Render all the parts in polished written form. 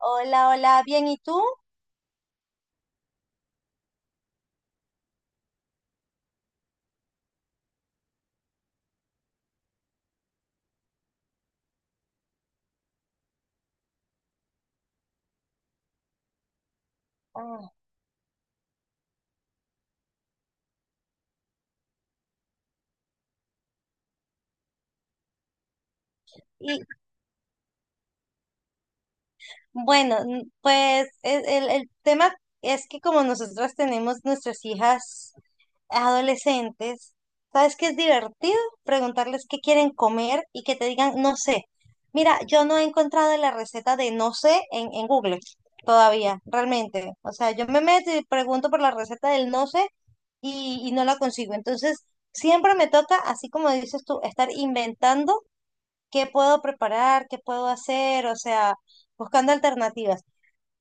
Hola, hola, bien, ¿y tú? Ah, y bueno, pues es el tema es que como nosotras tenemos nuestras hijas adolescentes, ¿sabes qué es divertido? Preguntarles qué quieren comer y que te digan, no sé. Mira, yo no he encontrado la receta de no sé en Google todavía, realmente. O sea, yo me meto y pregunto por la receta del no sé y no la consigo. Entonces, siempre me toca, así como dices tú, estar inventando qué puedo preparar, qué puedo hacer, o sea, buscando alternativas.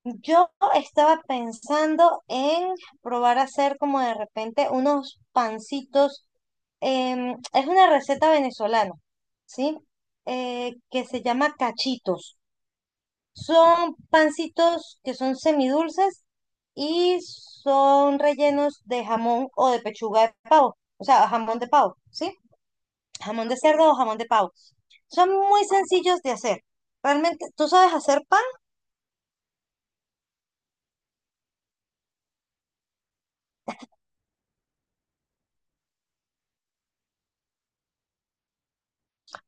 Yo estaba pensando en probar a hacer como de repente unos pancitos. Es una receta venezolana, ¿sí? Que se llama cachitos. Son pancitos que son semidulces y son rellenos de jamón o de pechuga de pavo, o sea, jamón de pavo, ¿sí? Jamón de cerdo o jamón de pavo. Son muy sencillos de hacer. Realmente, tú sabes hacer pan,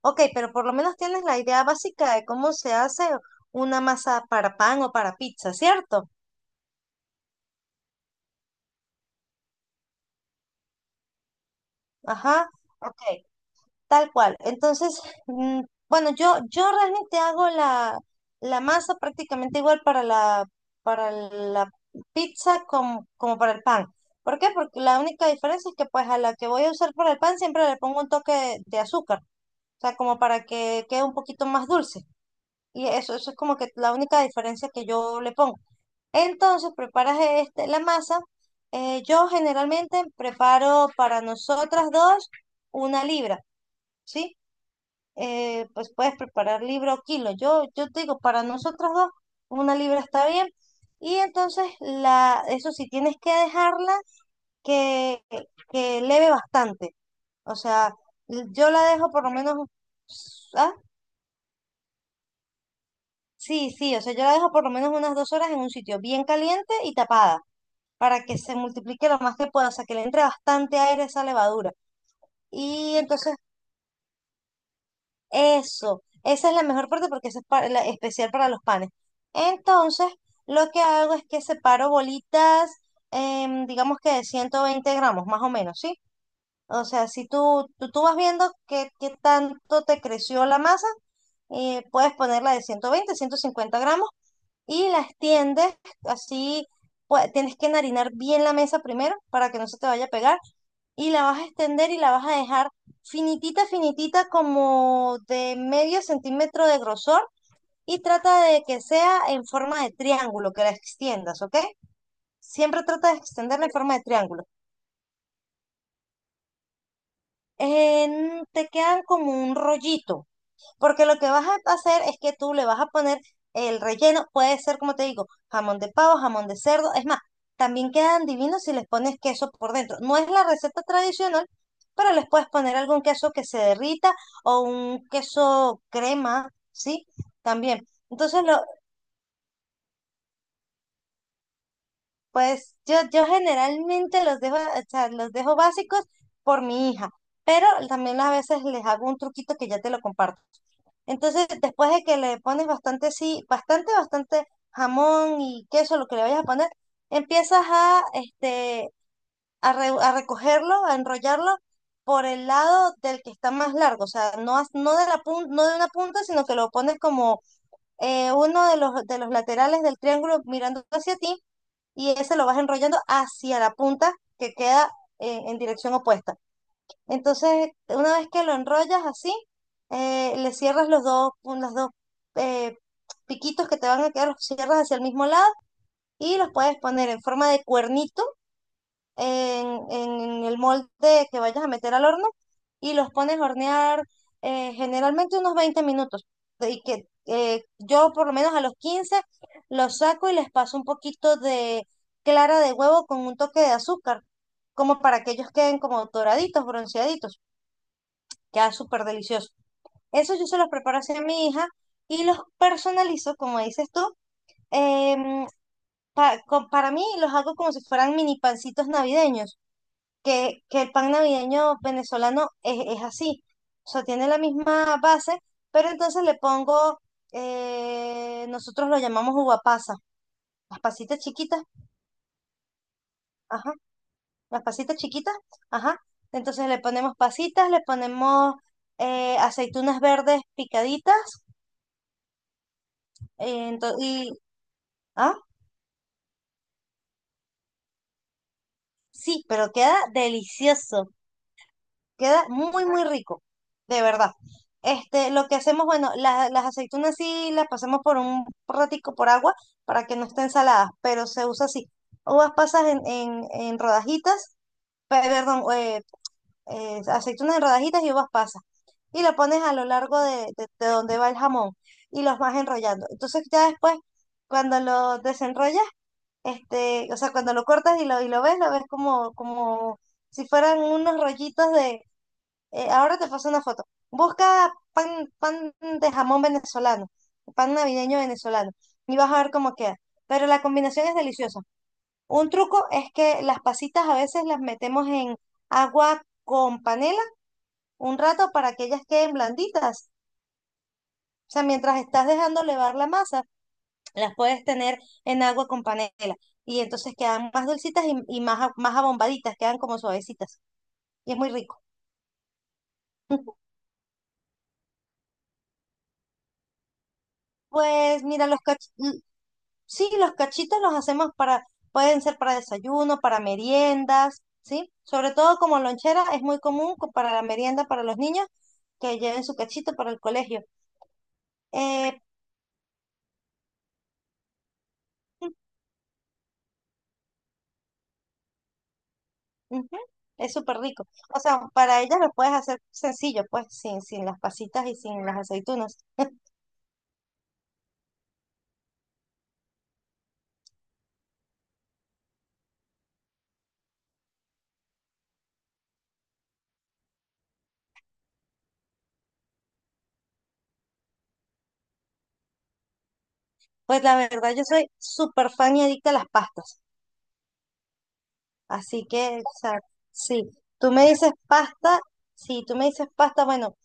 ok, pero por lo menos tienes la idea básica de cómo se hace una masa para pan o para pizza, ¿cierto? Ajá, ok, tal cual. Entonces, mm, bueno, yo realmente hago la masa prácticamente igual para la pizza como para el pan. ¿Por qué? Porque la única diferencia es que pues a la que voy a usar para el pan siempre le pongo un toque de azúcar. O sea, como para que quede un poquito más dulce. Y eso es como que la única diferencia que yo le pongo. Entonces, preparas este, la masa. Yo generalmente preparo para nosotras dos una libra, ¿sí? Pues puedes preparar libra o kilo. Yo te digo, para nosotras dos, una libra está bien. Y entonces, la, eso sí, tienes que dejarla que, que leve bastante. O sea, yo la dejo por lo menos. Ah, sí, sí, o sea, yo la dejo por lo menos unas 2 horas en un sitio bien caliente y tapada para que se multiplique lo más que pueda, o sea, que le entre bastante aire a esa levadura. Y entonces, eso, esa es la mejor parte porque esa es la especial para los panes. Entonces, lo que hago es que separo bolitas, digamos que de 120 gramos, más o menos, ¿sí? O sea, si tú vas viendo qué tanto te creció la masa, puedes ponerla de 120, 150 gramos y las tiendes así, pues, tienes que enharinar bien la mesa primero para que no se te vaya a pegar y la vas a extender y la vas a dejar finitita, finitita como de medio centímetro de grosor y trata de que sea en forma de triángulo, que la extiendas, ¿ok? Siempre trata de extenderla en forma de triángulo. Te quedan como un rollito. Porque lo que vas a hacer es que tú le vas a poner el relleno, puede ser, como te digo, jamón de pavo, jamón de cerdo. Es más, también quedan divinos si les pones queso por dentro. No es la receta tradicional, pero les puedes poner algún queso que se derrita o un queso crema, ¿sí? También. Entonces, lo, pues yo generalmente los dejo, o sea, los dejo básicos por mi hija, pero también a veces les hago un truquito que ya te lo comparto. Entonces, después de que le pones bastante, sí, bastante, bastante jamón y queso, lo que le vayas a poner, empiezas a, este, a recogerlo, a enrollarlo por el lado del que está más largo, o sea, no, no de una punta, sino que lo pones como uno de los laterales del triángulo mirando hacia ti y ese lo vas enrollando hacia la punta que queda en dirección opuesta. Entonces, una vez que lo enrollas así, le cierras los dos eh, piquitos que te van a quedar, los cierras hacia el mismo lado y los puedes poner en forma de cuernito en el molde que vayas a meter al horno y los pones a hornear, generalmente unos 20 minutos. Y que yo por lo menos a los 15 los saco y les paso un poquito de clara de huevo con un toque de azúcar, como para que ellos queden como doraditos, bronceaditos. Queda súper delicioso. Eso yo se los preparo así a mi hija y los personalizo, como dices tú. em, para mí los hago como si fueran mini pancitos navideños, que el pan navideño venezolano es así. O sea, tiene la misma base, pero entonces le pongo, nosotros lo llamamos uva pasa, las pasitas chiquitas, ajá, las pasitas chiquitas, ajá. Entonces le ponemos pasitas, le ponemos aceitunas verdes picaditas. eh, ento- Ah, sí, pero queda delicioso, queda muy, muy rico, de verdad. Este, lo que hacemos, bueno, las aceitunas sí las pasamos por un ratico por agua para que no estén saladas, pero se usa así. Uvas pasas en rodajitas, perdón. Aceitunas en rodajitas y uvas pasas. Y lo pones a lo largo de donde va el jamón y los vas enrollando. Entonces ya después, cuando lo desenrollas, este, o sea, cuando lo cortas y lo ves, lo ves, como si fueran unos rollitos de... Ahora te paso una foto. Busca pan de jamón venezolano, pan navideño venezolano, y vas a ver cómo queda. Pero la combinación es deliciosa. Un truco es que las pasitas a veces las metemos en agua con panela un rato para que ellas queden blanditas. O sea, mientras estás dejando levar la masa, las puedes tener en agua con panela y entonces quedan más dulcitas y más, más abombaditas, quedan como suavecitas y es muy rico. Pues mira, sí, los cachitos los hacemos para, pueden ser para desayuno, para meriendas, ¿sí? Sobre todo como lonchera, es muy común para la merienda para los niños que lleven su cachito para el colegio. Eh, Ujú, es súper rico. O sea, para ellas lo puedes hacer sencillo, pues, sin las pasitas y sin las aceitunas. Pues la verdad, yo soy súper fan y adicta a las pastas. Así que, o sea, sí, tú me dices pasta, sí, tú me dices pasta, bueno,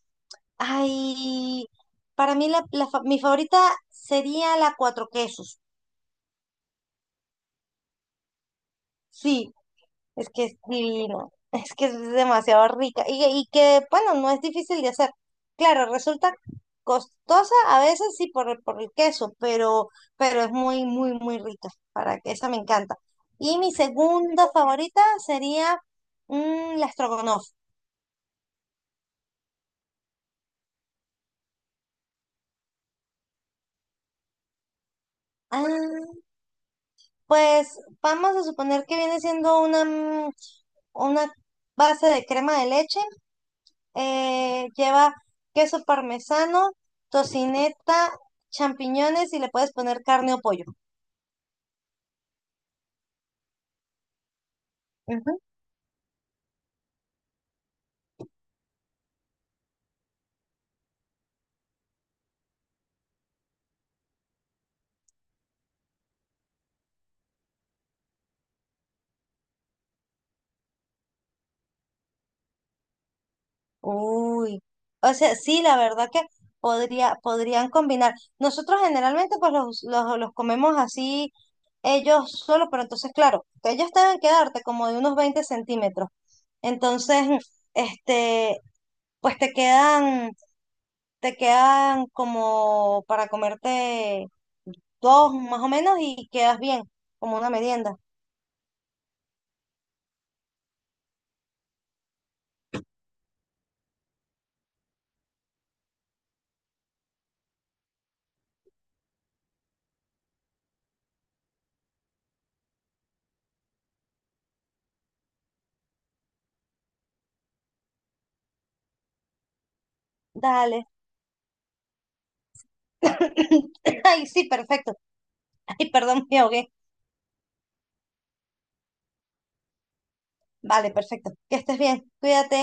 ay, para mí la mi favorita sería la cuatro quesos. Sí, es que es divino. Es que es demasiado rica y, que, bueno, no es difícil de hacer. Claro, resulta costosa a veces sí por, por el queso, pero es muy, muy, muy rica. Para que esa me encanta. Y mi segunda favorita sería la estrogonoff. Ah, pues vamos a suponer que viene siendo una base de crema de leche. Lleva queso parmesano, tocineta, champiñones y le puedes poner carne o pollo. Ujú. Uy, o sea, sí, la verdad que podría, podrían combinar. Nosotros generalmente pues los comemos así ellos solos pero entonces claro, ellos deben quedarte como de unos 20 centímetros. Entonces, este, pues te quedan como para comerte dos más o menos y quedas bien, como una merienda. Dale. Ay, sí, perfecto. Ay, perdón, me ahogué. Vale, perfecto. Que estés bien. Cuídate.